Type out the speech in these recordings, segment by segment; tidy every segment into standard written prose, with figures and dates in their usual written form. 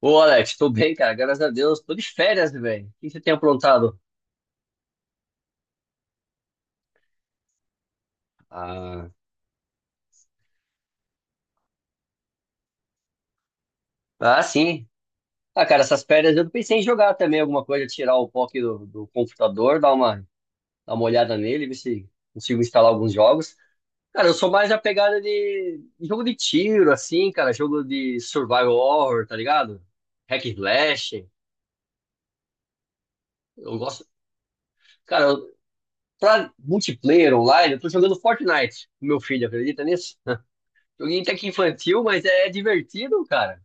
Ô, Alex, tô bem, cara, graças a Deus. Tô de férias, velho. O que você tem aprontado? Ah, ah, sim. Ah, cara, essas férias eu pensei em jogar também alguma coisa, tirar o POC do computador, dar uma olhada nele, ver se consigo instalar alguns jogos. Cara, eu sou mais a pegada de jogo de tiro, assim, cara, jogo de survival horror, tá ligado? Hack and slash. Eu gosto. Cara, pra multiplayer online, eu tô jogando Fortnite com meu filho, acredita nisso? Joguinho até que infantil, mas é divertido, cara.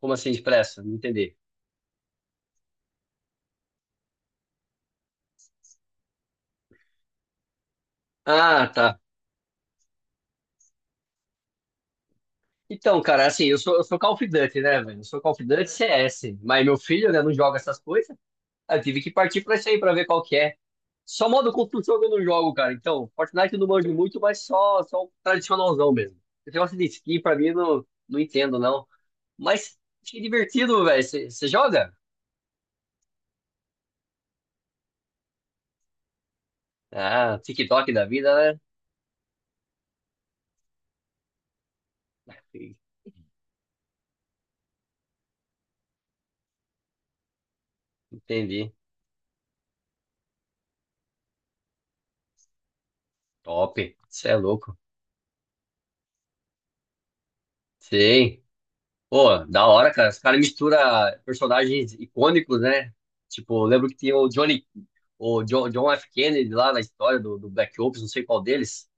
Como assim, depressa? Não entendi. Ah, tá. Então, cara, assim, eu sou Call of Duty, né, velho? Eu sou Call of Duty CS. Mas meu filho, né, não joga essas coisas. Aí eu tive que partir pra isso aí, pra ver qual que é. Só modo construção que eu não jogo, cara. Então, Fortnite eu não manjo muito, mas só o tradicionalzão mesmo. Esse negócio de skin, pra mim, eu não, não entendo, não. Mas que divertido, velho. Você joga? Ah, TikTok da vida, né? Entendi. Top. Você é louco. Sim. Pô, da hora, cara. Os caras misturam personagens icônicos, né? Tipo, eu lembro que tinha o Johnny, o John F. Kennedy lá na história do Black Ops, não sei qual deles.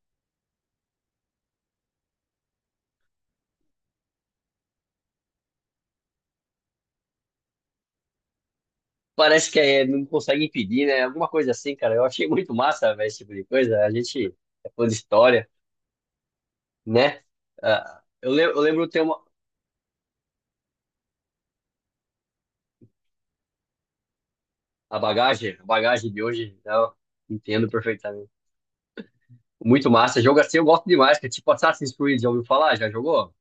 Parece que é, não consegue impedir, né? Alguma coisa assim, cara. Eu achei muito massa, velho, esse tipo de coisa. A gente é fã de história, né? Ah, eu lembro ter a bagagem de hoje, né? Eu entendo perfeitamente. Muito massa. Jogo assim eu gosto demais, que é tipo Assassin's Creed, já ouviu falar? Já jogou?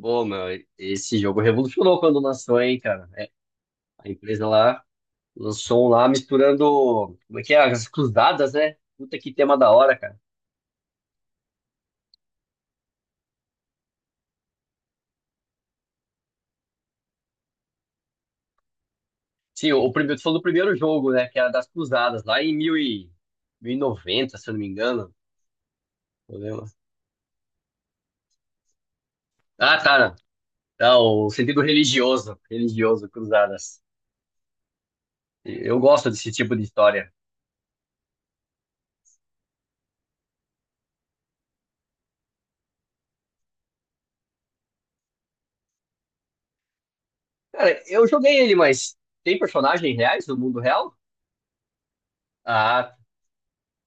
Pô, meu, esse jogo revolucionou quando lançou, hein, cara? É, a empresa lá lançou um lá misturando, como é que é? As cruzadas, né? Puta que tema da hora, cara. Sim, o primeiro, tu falou do primeiro jogo, né? Que era das cruzadas, lá em mil e noventa, se eu não me engano. Eu lembro. Ah, tá, não. Tá, o sentido religioso, religioso, cruzadas. E eu gosto desse tipo de história. Cara, eu joguei ele, mas tem personagens reais do mundo real? Ah,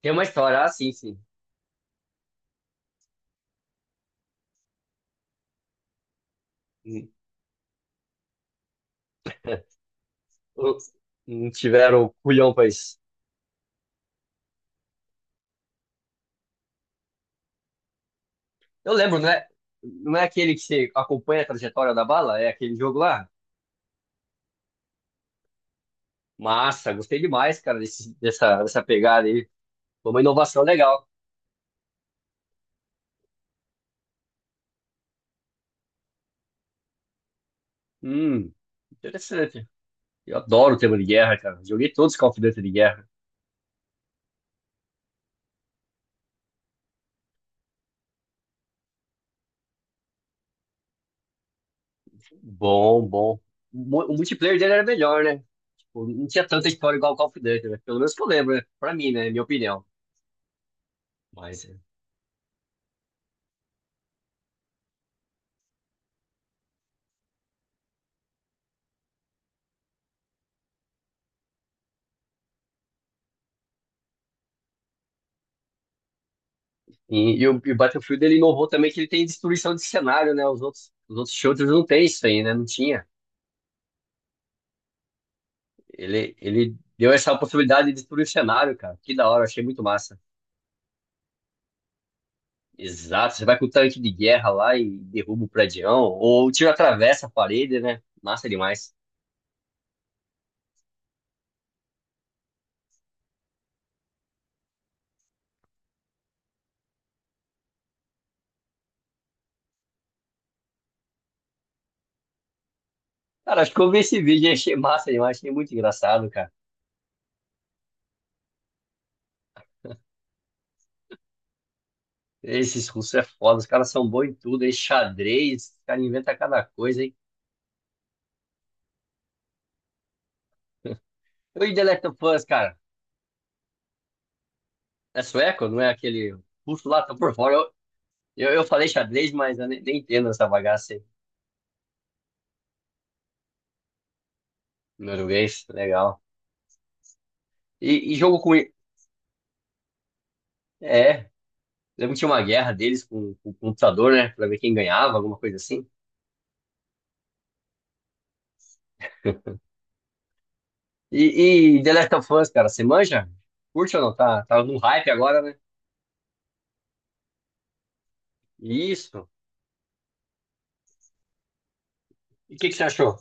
tem uma história, ah, sim, sim. Não tiveram culhão pra isso. Eu lembro, não é aquele que você acompanha a trajetória da bala? É aquele jogo lá? Massa, gostei demais, cara, dessa pegada aí. Foi uma inovação legal. Hum, Interessante. Eu adoro o tema de guerra, cara. Joguei todos os Call of Duty de guerra. Bom, bom. O multiplayer dele era melhor, né? Tipo, não tinha tanta história igual o Call of Duty, né? Pelo menos que eu lembro, né? Pra mim, né? Minha opinião. Mas. E o Battlefield ele inovou também que ele tem destruição de cenário, né? Os outros shooters não tem isso aí, né? Não tinha. Ele deu essa possibilidade de destruir o cenário, cara. Que da hora, achei muito massa. Exato, você vai com o tanque de guerra lá e derruba o predião, ou o tiro atravessa a parede, né? Massa demais. Cara, acho que eu vi esse vídeo e achei massa demais, achei muito engraçado, cara. Esses russos é foda, os caras são bons em tudo, em xadrez, os caras inventam cada coisa, hein? E o The Last of Us, cara, é sueco, não é aquele russo lá, tá por fora. Eu falei xadrez, mas eu nem entendo essa bagaça aí. Norueguês, legal. E jogo com. É, lembro que tinha uma guerra deles com o computador, né? Pra ver quem ganhava, alguma coisa assim. E The Last of Us, cara, você manja? Curte ou não? Tá num hype agora, né? Isso. E o que, que você achou?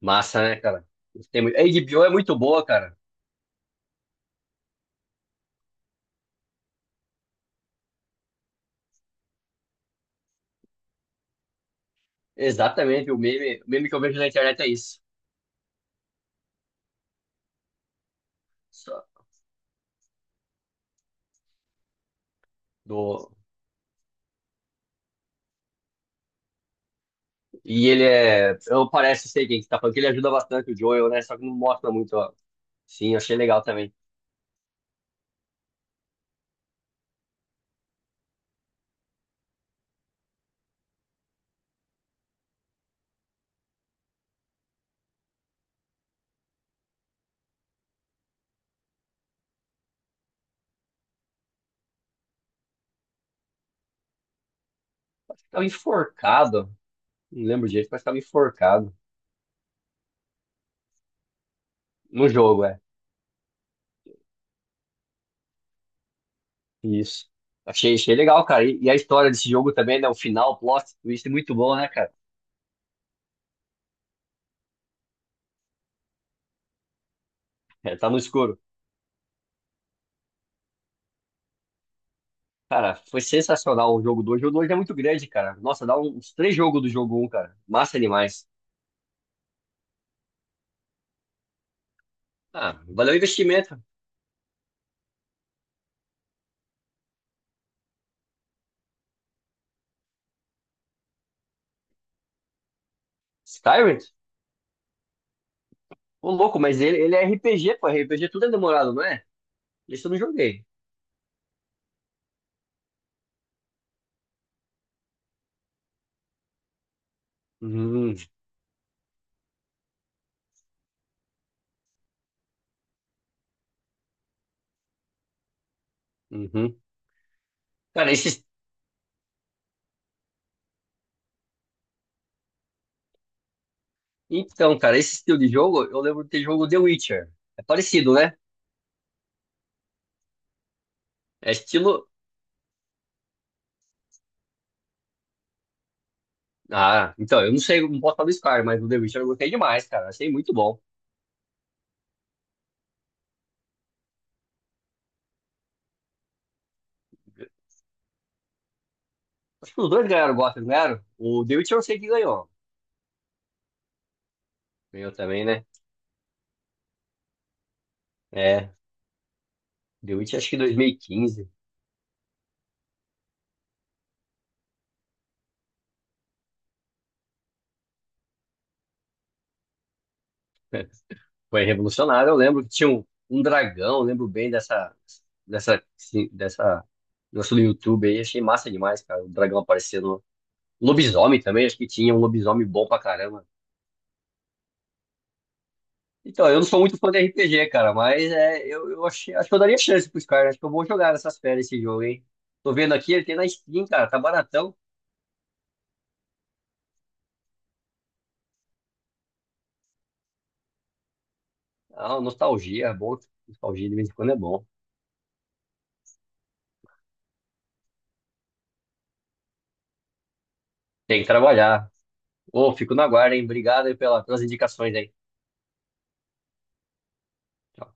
Massa, né, cara? Gostei muito. A HBO é muito boa, cara. Exatamente, o meme, que eu vejo na internet é isso. Só Do, E ele é. Eu parece sei quem que tá falando, que ele ajuda bastante o Joel, né? Só que não mostra muito, ó. Sim, eu achei legal também. Tava enforcado. Não lembro direito, mas tava enforcado. No jogo, é. Isso. Achei legal, cara. E a história desse jogo também, né? O final, o plot twist, é muito bom, né, cara? É, tá no escuro. Cara, foi sensacional o jogo dois. O jogo 2 é muito grande, cara. Nossa, dá uns três jogos do jogo um, cara. Massa demais. Ah, valeu o investimento. Skyrim? Ô, louco, mas ele é RPG, pô. RPG tudo é demorado, não é? Isso eu não joguei. Uhum, uhum. Cara, esse... Então, cara, esse estilo de jogo, eu lembro de ter jogo The Witcher. É parecido, né? É estilo... Ah, então, eu não sei, não posso falar do Skyrim, mas o The Witcher eu gostei demais, cara. Achei muito bom. Acho que os dois ganharam o Gotham, não ganharam? O The Witcher eu sei que ganhou. Ganhou também, né? É, The Witcher acho que 2015. Foi revolucionário, eu lembro que tinha um dragão, eu lembro bem Dessa... Dessa... Nosso YouTube aí, achei massa demais, cara. O dragão aparecendo. Lobisomem também, acho que tinha um lobisomem bom pra caramba. Então, eu não sou muito fã de RPG, cara, mas é, eu acho que eu daria chance pros caras. Acho que eu vou jogar nessas férias esse jogo, hein? Tô vendo aqui, ele tem na Steam, cara, tá baratão. Ah, nostalgia, é bom. Nostalgia de vez em quando é bom. Tem que trabalhar. Ô, fico na guarda, hein? Obrigado aí pelas indicações aí. Tchau.